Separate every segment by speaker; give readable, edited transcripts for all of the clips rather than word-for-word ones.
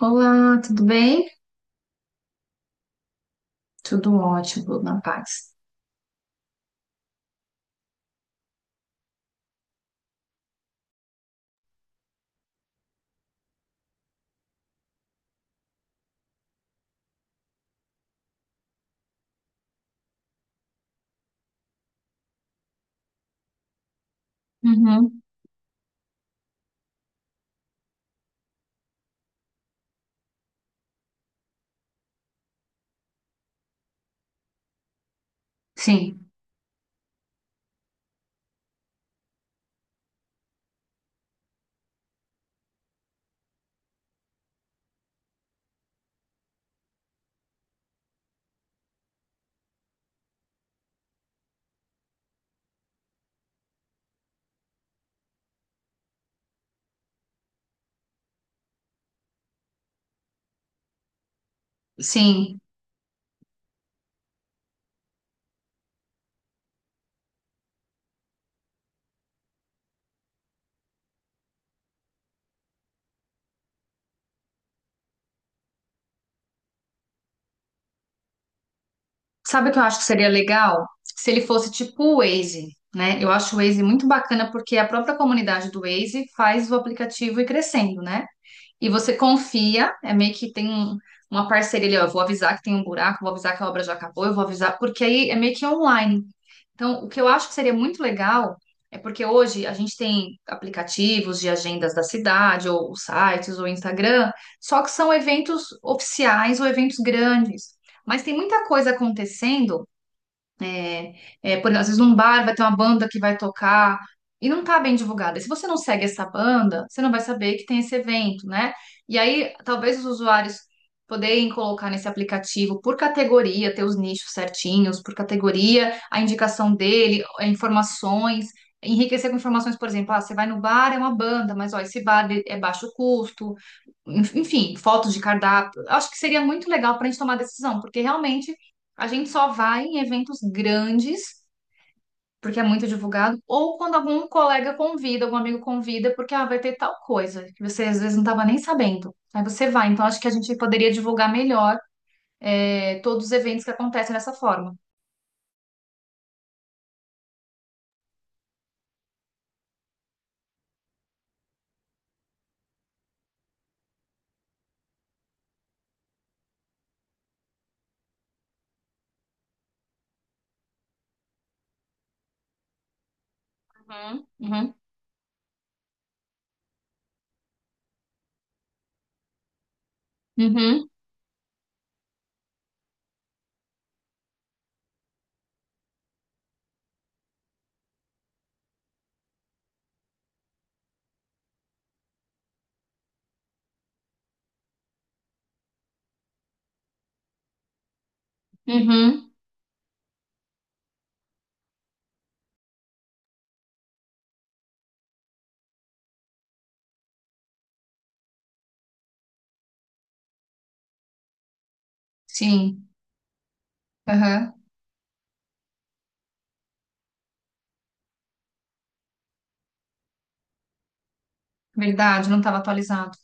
Speaker 1: Olá, tudo bem? Tudo ótimo, na paz. Uhum. Sim, sim. Sabe o que eu acho que seria legal? Se ele fosse tipo o Waze, né? Eu acho o Waze muito bacana porque a própria comunidade do Waze faz o aplicativo ir crescendo, né? E você confia, é meio que tem uma parceria ali, ó, eu vou avisar que tem um buraco, vou avisar que a obra já acabou, eu vou avisar, porque aí é meio que online. Então, o que eu acho que seria muito legal é porque hoje a gente tem aplicativos de agendas da cidade, ou sites, ou Instagram, só que são eventos oficiais ou eventos grandes. Mas tem muita coisa acontecendo é, é, por, às vezes num bar vai ter uma banda que vai tocar e não tá bem divulgada. E se você não segue essa banda, você não vai saber que tem esse evento, né? E aí, talvez os usuários poderem colocar nesse aplicativo por categoria, ter os nichos certinhos, por categoria, a indicação dele, informações, enriquecer com informações, por exemplo, ah, você vai no bar, é uma banda, mas ó, esse bar ele é baixo custo, enfim, fotos de cardápio. Acho que seria muito legal para a gente tomar decisão, porque realmente a gente só vai em eventos grandes, porque é muito divulgado, ou quando algum colega convida, algum amigo convida, porque ah, vai ter tal coisa que você às vezes não estava nem sabendo. Aí você vai. Então acho que a gente poderia divulgar melhor é, todos os eventos que acontecem dessa forma. Uhum, uhum, uhum, uhum. Sim, aham. Verdade, não estava atualizado.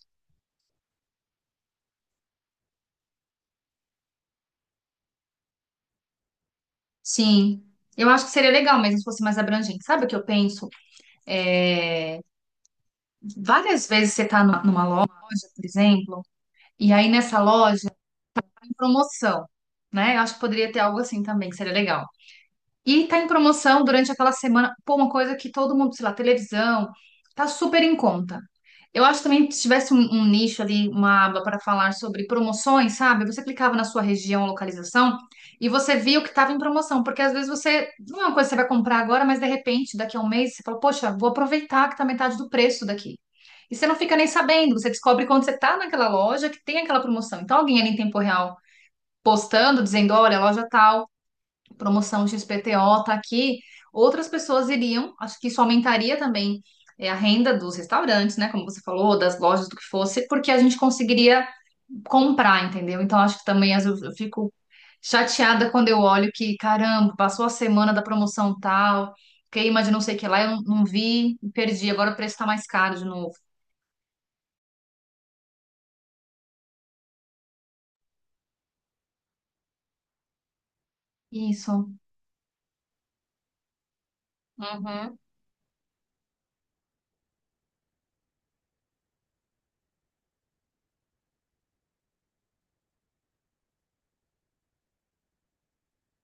Speaker 1: Sim. Eu acho que seria legal mesmo se fosse mais abrangente. Sabe o que eu penso? É, várias vezes você está numa loja, por exemplo, e aí nessa loja tá em promoção, né? Eu acho que poderia ter algo assim também, que seria legal. E tá em promoção durante aquela semana. Pô, uma coisa que todo mundo, sei lá, televisão, tá super em conta. Eu acho também que se tivesse um nicho ali, uma aba para falar sobre promoções, sabe? Você clicava na sua região, localização, e você via o que estava em promoção. Porque às vezes você, não é uma coisa que você vai comprar agora, mas de repente, daqui a um mês, você fala, poxa, vou aproveitar que tá metade do preço daqui. E você não fica nem sabendo, você descobre quando você tá naquela loja que tem aquela promoção. Então, alguém ali em tempo real postando, dizendo, olha, loja tal promoção XPTO tá aqui, outras pessoas iriam, acho que isso aumentaria também é, a renda dos restaurantes, né? Como você falou, das lojas, do que fosse, porque a gente conseguiria comprar, entendeu? Então acho que também às vezes eu fico chateada quando eu olho que, caramba, passou a semana da promoção tal, queima de não sei o que lá, eu não vi, perdi, agora o preço tá mais caro de novo. Isso. Uhum.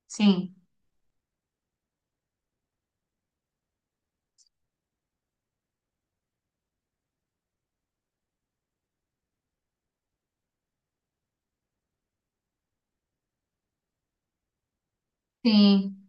Speaker 1: Sim, sim,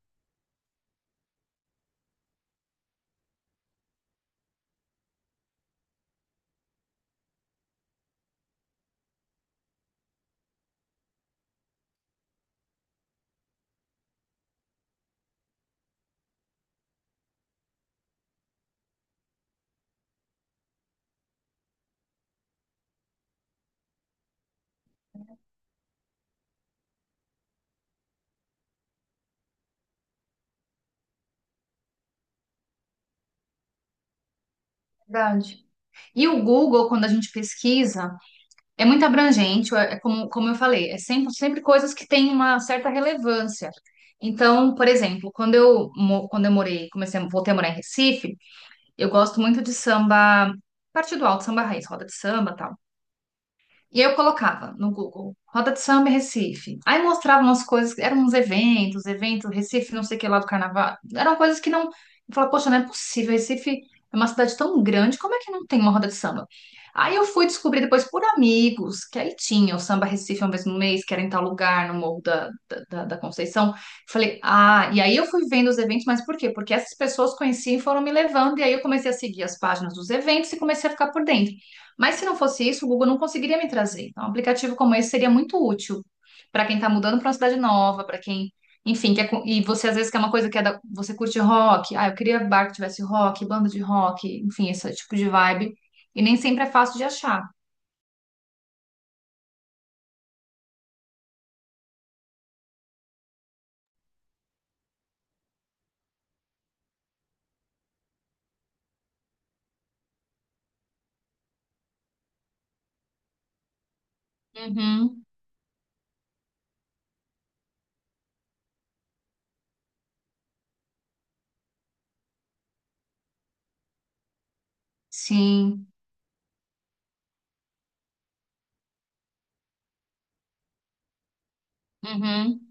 Speaker 1: verdade. E o Google, quando a gente pesquisa, é muito abrangente, é como eu falei, é sempre coisas que têm uma certa relevância. Então, por exemplo, quando eu morei, voltei a morar em Recife, eu gosto muito de samba, parte do alto, samba raiz, roda de samba, tal. E aí eu colocava no Google, roda de samba em Recife. Aí mostrava umas coisas, eram uns eventos, Recife, não sei o que lá do carnaval. Eram coisas que não. Eu falava, poxa, não é possível, Recife é uma cidade tão grande, como é que não tem uma roda de samba? Aí eu fui descobrir depois por amigos, que aí tinha o Samba Recife uma vez no mês, que era em tal lugar, no Morro da Conceição. Falei, ah, e aí eu fui vendo os eventos, mas por quê? Porque essas pessoas conheciam e foram me levando, e aí eu comecei a seguir as páginas dos eventos e comecei a ficar por dentro. Mas se não fosse isso, o Google não conseguiria me trazer. Então, um aplicativo como esse seria muito útil para quem está mudando para uma cidade nova, para quem, enfim, e você às vezes quer uma coisa que é você curte rock, ah, eu queria bar que tivesse rock, banda de rock, enfim, esse tipo de vibe. E nem sempre é fácil de achar. Uhum, sim, uhum,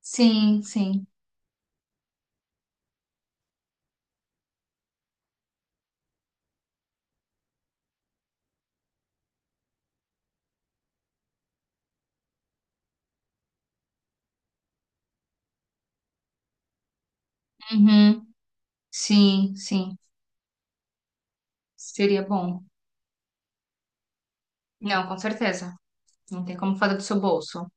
Speaker 1: sim, sim, uhum, sim, sim. Seria bom. Não, com certeza. Não tem como fazer do seu bolso.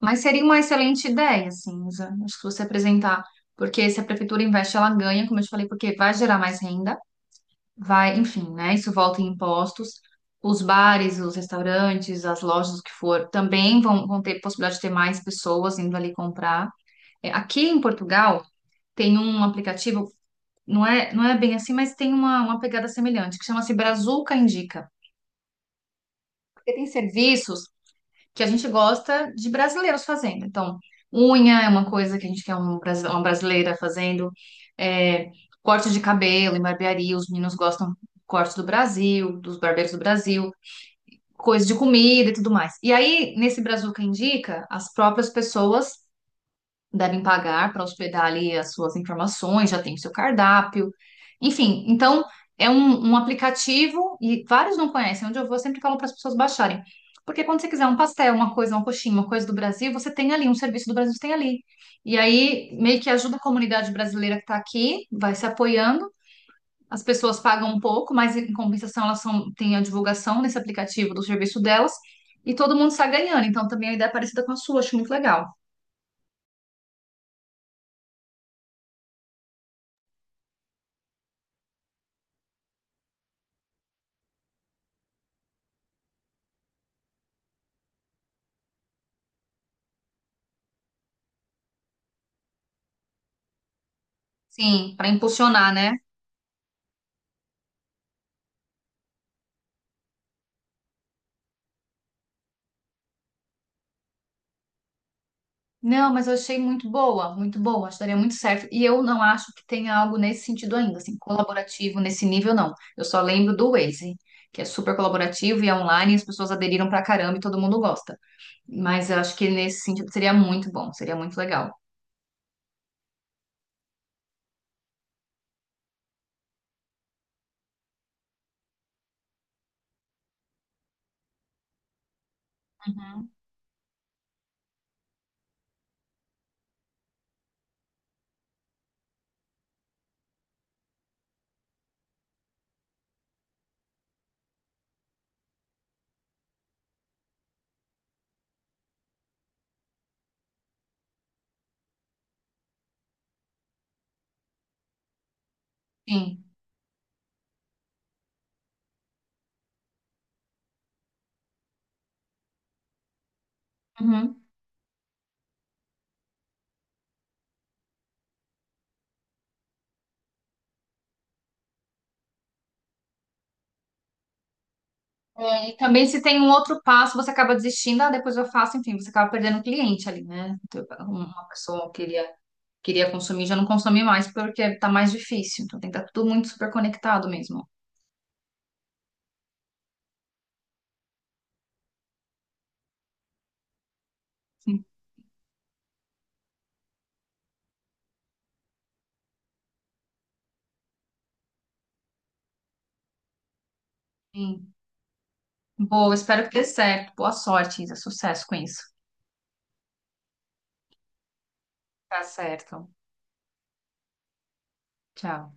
Speaker 1: Mas seria uma excelente ideia, assim, Isa. Acho que você apresentar, porque se a prefeitura investe, ela ganha, como eu te falei, porque vai gerar mais renda, vai, enfim, né? Isso volta em impostos. Os bares, os restaurantes, as lojas, o que for, também vão, vão ter possibilidade de ter mais pessoas indo ali comprar. É, aqui em Portugal tem um aplicativo, não é bem assim, mas tem uma pegada semelhante, que chama-se Brazuca Indica. Porque tem serviços que a gente gosta de brasileiros fazendo. Então, unha é uma coisa que a gente quer uma brasileira fazendo, é, corte de cabelo em barbearia, os meninos gostam do corte do Brasil, dos barbeiros do Brasil, coisa de comida e tudo mais. E aí, nesse Brazuca Indica, as próprias pessoas devem pagar para hospedar ali as suas informações, já tem o seu cardápio, enfim. Então, é um aplicativo e vários não conhecem. Onde eu vou, eu sempre falo para as pessoas baixarem. Porque quando você quiser um pastel, uma coisa, uma coxinha, uma coisa do Brasil, você tem ali, um serviço do Brasil você tem ali. E aí, meio que ajuda a comunidade brasileira que está aqui, vai se apoiando. As pessoas pagam um pouco, mas em compensação elas têm a divulgação nesse aplicativo do serviço delas. E todo mundo está ganhando. Então, também a ideia é parecida com a sua, acho muito legal. Sim, para impulsionar, né? Não, mas eu achei muito boa, acho que daria muito certo. E eu não acho que tenha algo nesse sentido ainda, assim, colaborativo nesse nível, não. Eu só lembro do Waze, que é super colaborativo e é online, e as pessoas aderiram pra caramba e todo mundo gosta. Mas eu acho que nesse sentido seria muito bom, seria muito legal. Uhum. Sim. Uhum. É, e também se tem um outro passo, você acaba desistindo, ah, depois eu faço, enfim, você acaba perdendo um cliente ali, né? Então, uma pessoa queria, queria consumir, já não consome mais porque tá mais difícil. Então tem que estar tudo muito super conectado mesmo. Sim. Boa, espero que dê certo. Boa sorte, Isa. Sucesso com isso. Tá certo. Tchau.